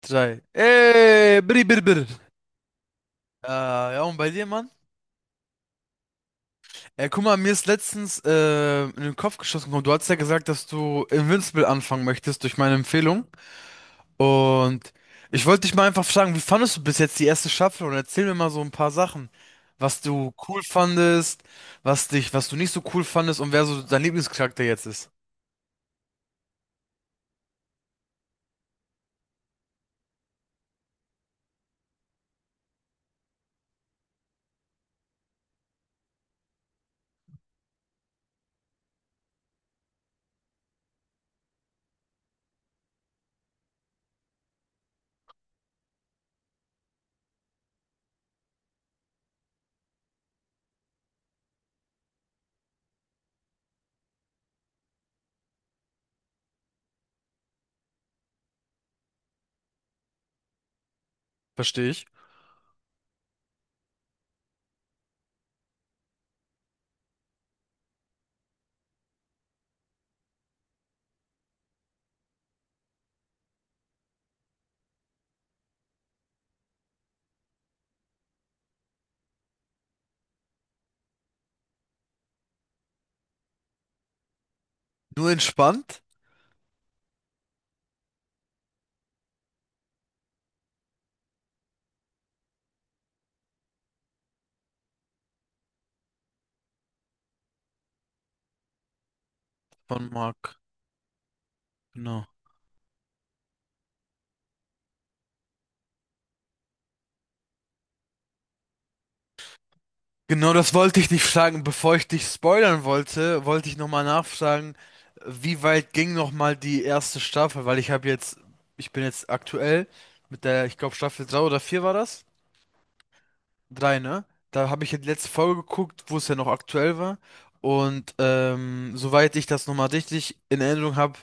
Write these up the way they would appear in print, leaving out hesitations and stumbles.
Drei. Ey, biri, biri, biri. Äh, ja, und bei dir, Mann? Ey, guck mal, mir ist letztens in den Kopf geschossen gekommen. Du hast ja gesagt, dass du Invincible anfangen möchtest durch meine Empfehlung. Und ich wollte dich mal einfach fragen, wie fandest du bis jetzt die erste Staffel? Und erzähl mir mal so ein paar Sachen, was du cool fandest, was du nicht so cool fandest und wer so dein Lieblingscharakter jetzt ist. Verstehe ich. Nur entspannt von Mark. Genau. Genau, das wollte ich dich fragen. Bevor ich dich spoilern wollte, wollte ich nochmal nachfragen, wie weit ging nochmal die erste Staffel? Weil ich bin jetzt aktuell mit der, ich glaube Staffel 3 oder 4 war das? 3, ne? Da habe ich ja die letzte Folge geguckt, wo es ja noch aktuell war. Und soweit ich das nochmal richtig in Erinnerung habe,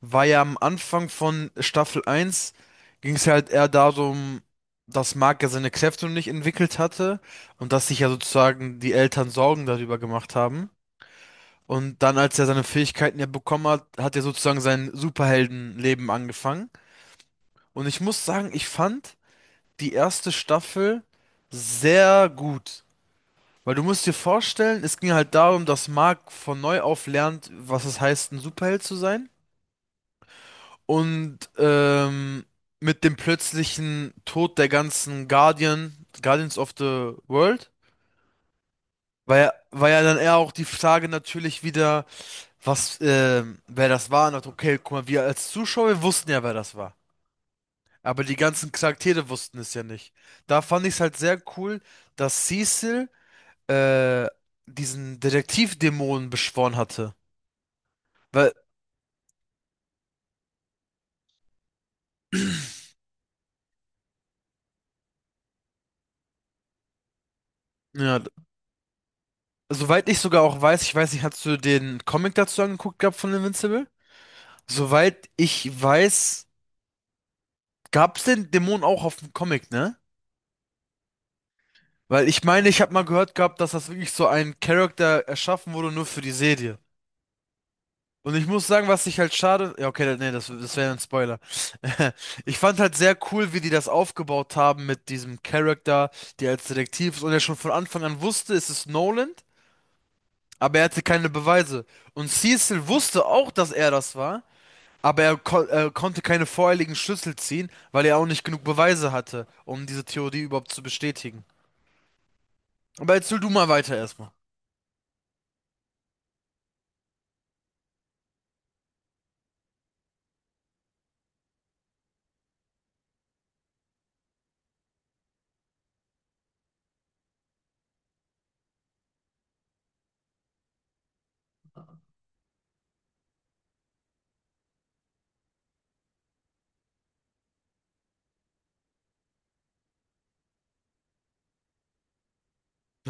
war ja am Anfang von Staffel eins ging es halt eher darum, dass Mark ja seine Kräfte noch nicht entwickelt hatte und dass sich ja sozusagen die Eltern Sorgen darüber gemacht haben. Und dann, als er seine Fähigkeiten ja bekommen hat, hat er sozusagen sein Superheldenleben angefangen. Und ich muss sagen, ich fand die erste Staffel sehr gut. Weil du musst dir vorstellen, es ging halt darum, dass Mark von neu auf lernt, was es heißt, ein Superheld zu sein. Und mit dem plötzlichen Tod der ganzen Guardians of the World, war ja dann eher auch die Frage natürlich wieder, wer das war. Und dachte, okay, guck mal, wir als Zuschauer wussten ja, wer das war. Aber die ganzen Charaktere wussten es ja nicht. Da fand ich es halt sehr cool, dass Cecil äh, diesen Detektivdämonen beschworen hatte. Weil, ja, soweit ich sogar auch weiß, ich weiß nicht, hast du den Comic dazu angeguckt gehabt von Invincible? Soweit ich weiß, gab es den Dämon auch auf dem Comic, ne? Weil ich meine, ich habe mal gehört gehabt, dass das wirklich so ein Charakter erschaffen wurde nur für die Serie. Und ich muss sagen, was ich halt schade. Ja, okay, nee, das wäre ein Spoiler. Ich fand halt sehr cool, wie die das aufgebaut haben mit diesem Charakter, der als Detektiv ist und der schon von Anfang an wusste, es ist Nolan, aber er hatte keine Beweise. Und Cecil wusste auch, dass er das war. Aber er, ko konnte keine vorherigen Schlüssel ziehen, weil er auch nicht genug Beweise hatte, um diese Theorie überhaupt zu bestätigen. Aber jetzt erzähl du mal weiter erstmal.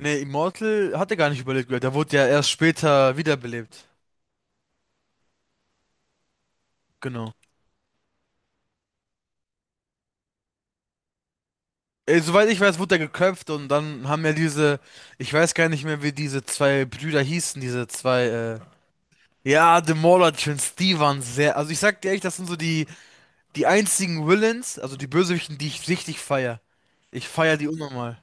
Nee, Immortal hat er gar nicht überlebt gehört. Er wurde ja erst später wiederbelebt. Genau. Soweit ich weiß, wurde er geköpft und dann haben ja diese, ich weiß gar nicht mehr, wie diese zwei Brüder hießen, ja, The Mauler Twins, die waren sehr, also ich sag dir echt, das sind so die, die einzigen Villains, also die Bösewichten, die ich richtig feier. Ich feier die unnormal.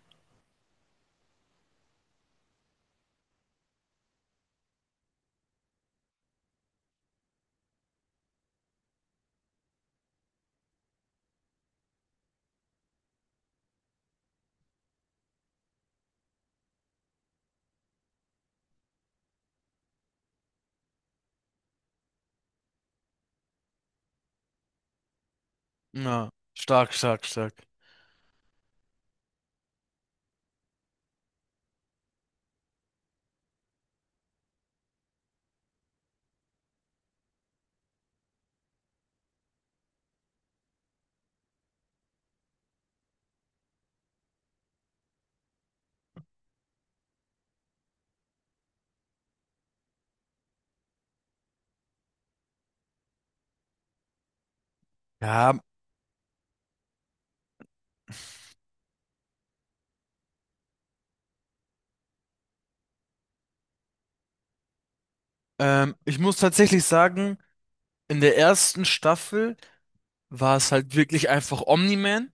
Ja, stark, stark, stark. Ja, ich muss tatsächlich sagen, in der ersten Staffel war es halt wirklich einfach Omni-Man.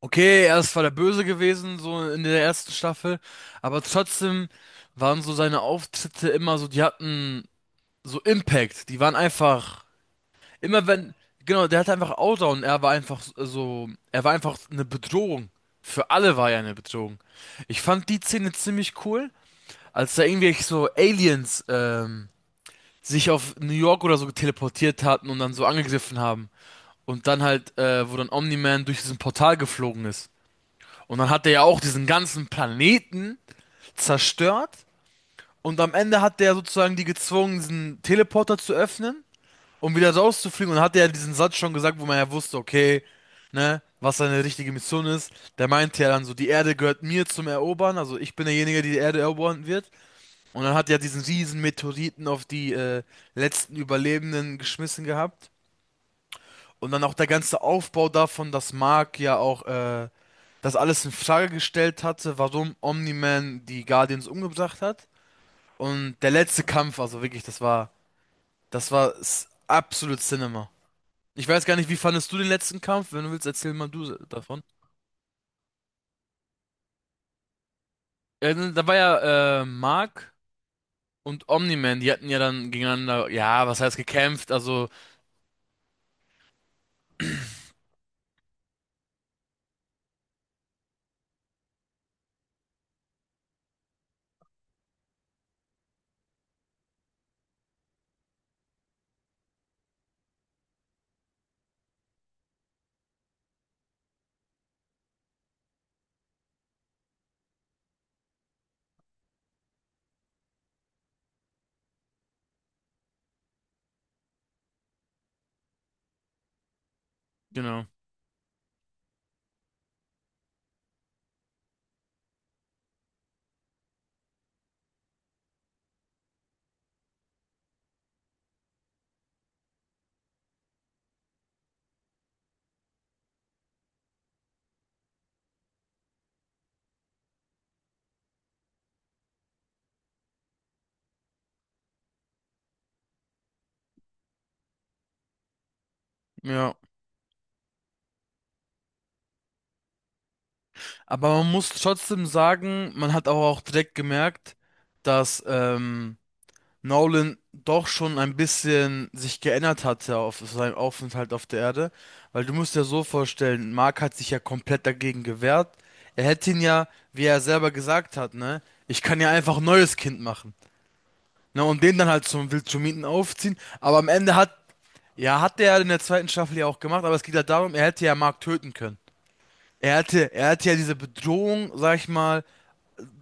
Okay, er ist zwar der Böse gewesen, so in der ersten Staffel, aber trotzdem waren so seine Auftritte immer so, die hatten so Impact. Die waren einfach, immer wenn, genau, der hatte einfach Outdown, er war einfach so, er war einfach eine Bedrohung. Für alle war er eine Bedrohung. Ich fand die Szene ziemlich cool, als da irgendwelche so Aliens, sich auf New York oder so teleportiert hatten und dann so angegriffen haben. Und dann halt, wo dann Omni-Man durch diesen Portal geflogen ist. Und dann hat er ja auch diesen ganzen Planeten zerstört. Und am Ende hat der sozusagen die gezwungen, diesen Teleporter zu öffnen, um wieder rauszufliegen. Und dann hat er ja diesen Satz schon gesagt, wo man ja wusste, okay, ne, was seine richtige Mission ist. Der meinte ja dann so, die Erde gehört mir zum Erobern. Also ich bin derjenige, der die Erde erobern wird. Und dann hat er diesen riesen Meteoriten auf die letzten Überlebenden geschmissen gehabt. Und dann auch der ganze Aufbau davon, dass Mark ja auch das alles in Frage gestellt hatte, warum Omni-Man die Guardians umgebracht hat. Und der letzte Kampf, also wirklich, das war absolut Cinema. Ich weiß gar nicht, wie fandest du den letzten Kampf? Wenn du willst, erzähl mal du davon. Da war ja Mark und Omni-Man, die hatten ja dann gegeneinander, ja, was heißt gekämpft, also, genau, ja. Aber man muss trotzdem sagen, man hat aber auch direkt gemerkt, dass Nolan doch schon ein bisschen sich geändert hatte auf seinem Aufenthalt auf der Erde. Weil du musst dir so vorstellen, Mark hat sich ja komplett dagegen gewehrt. Er hätte ihn ja, wie er selber gesagt hat, ne, ich kann ja einfach ein neues Kind machen. Ne, und den dann halt zum Wildschumieten aufziehen. Ja, hat er in der zweiten Staffel ja auch gemacht, aber es geht ja darum, er hätte ja Mark töten können. Er hätte ja diese Bedrohung, sag ich mal,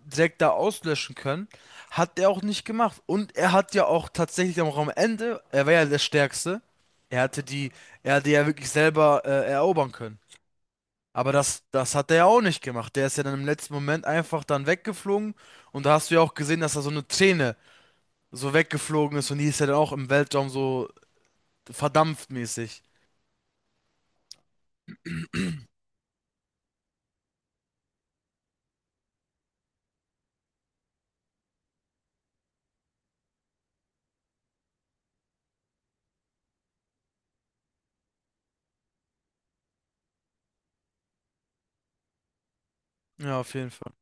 Zack da auslöschen können. Hat er auch nicht gemacht. Und er hat ja auch tatsächlich auch am Ende, er war ja der Stärkste. Er hatte die, er hatte ja wirklich selber erobern können. Aber das hat er ja auch nicht gemacht. Der ist ja dann im letzten Moment einfach dann weggeflogen. Und da hast du ja auch gesehen, dass da so eine Träne so weggeflogen ist. Und die ist ja dann auch im Weltraum so verdampft mäßig. Ja, auf jeden Fall.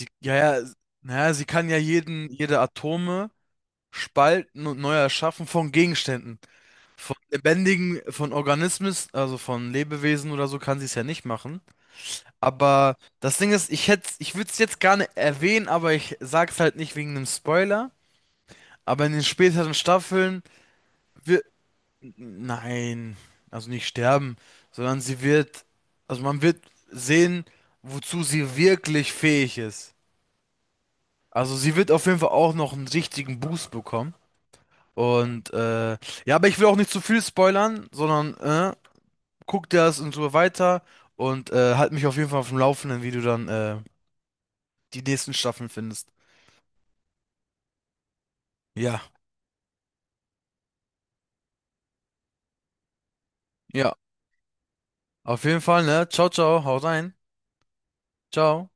Die, ja, ja, naja, sie kann ja jeden, jede Atome spalten und neu erschaffen von Gegenständen. Von lebendigen, von Organismus, also von Lebewesen oder so, kann sie es ja nicht machen. Aber das Ding ist, ich würde es jetzt gerne erwähnen, aber ich sag's halt nicht wegen einem Spoiler. Aber in den späteren Staffeln wird, nein, also nicht sterben, sondern sie wird, also man wird sehen, wozu sie wirklich fähig ist. Also sie wird auf jeden Fall auch noch einen richtigen Boost bekommen. Und ja, aber ich will auch nicht zu viel spoilern, sondern guck dir das und so weiter und halt mich auf jeden Fall auf dem Laufenden, wie du dann die nächsten Staffeln findest. Ja, ja, auf jeden Fall, ne? Ciao, ciao, haut rein. Ciao.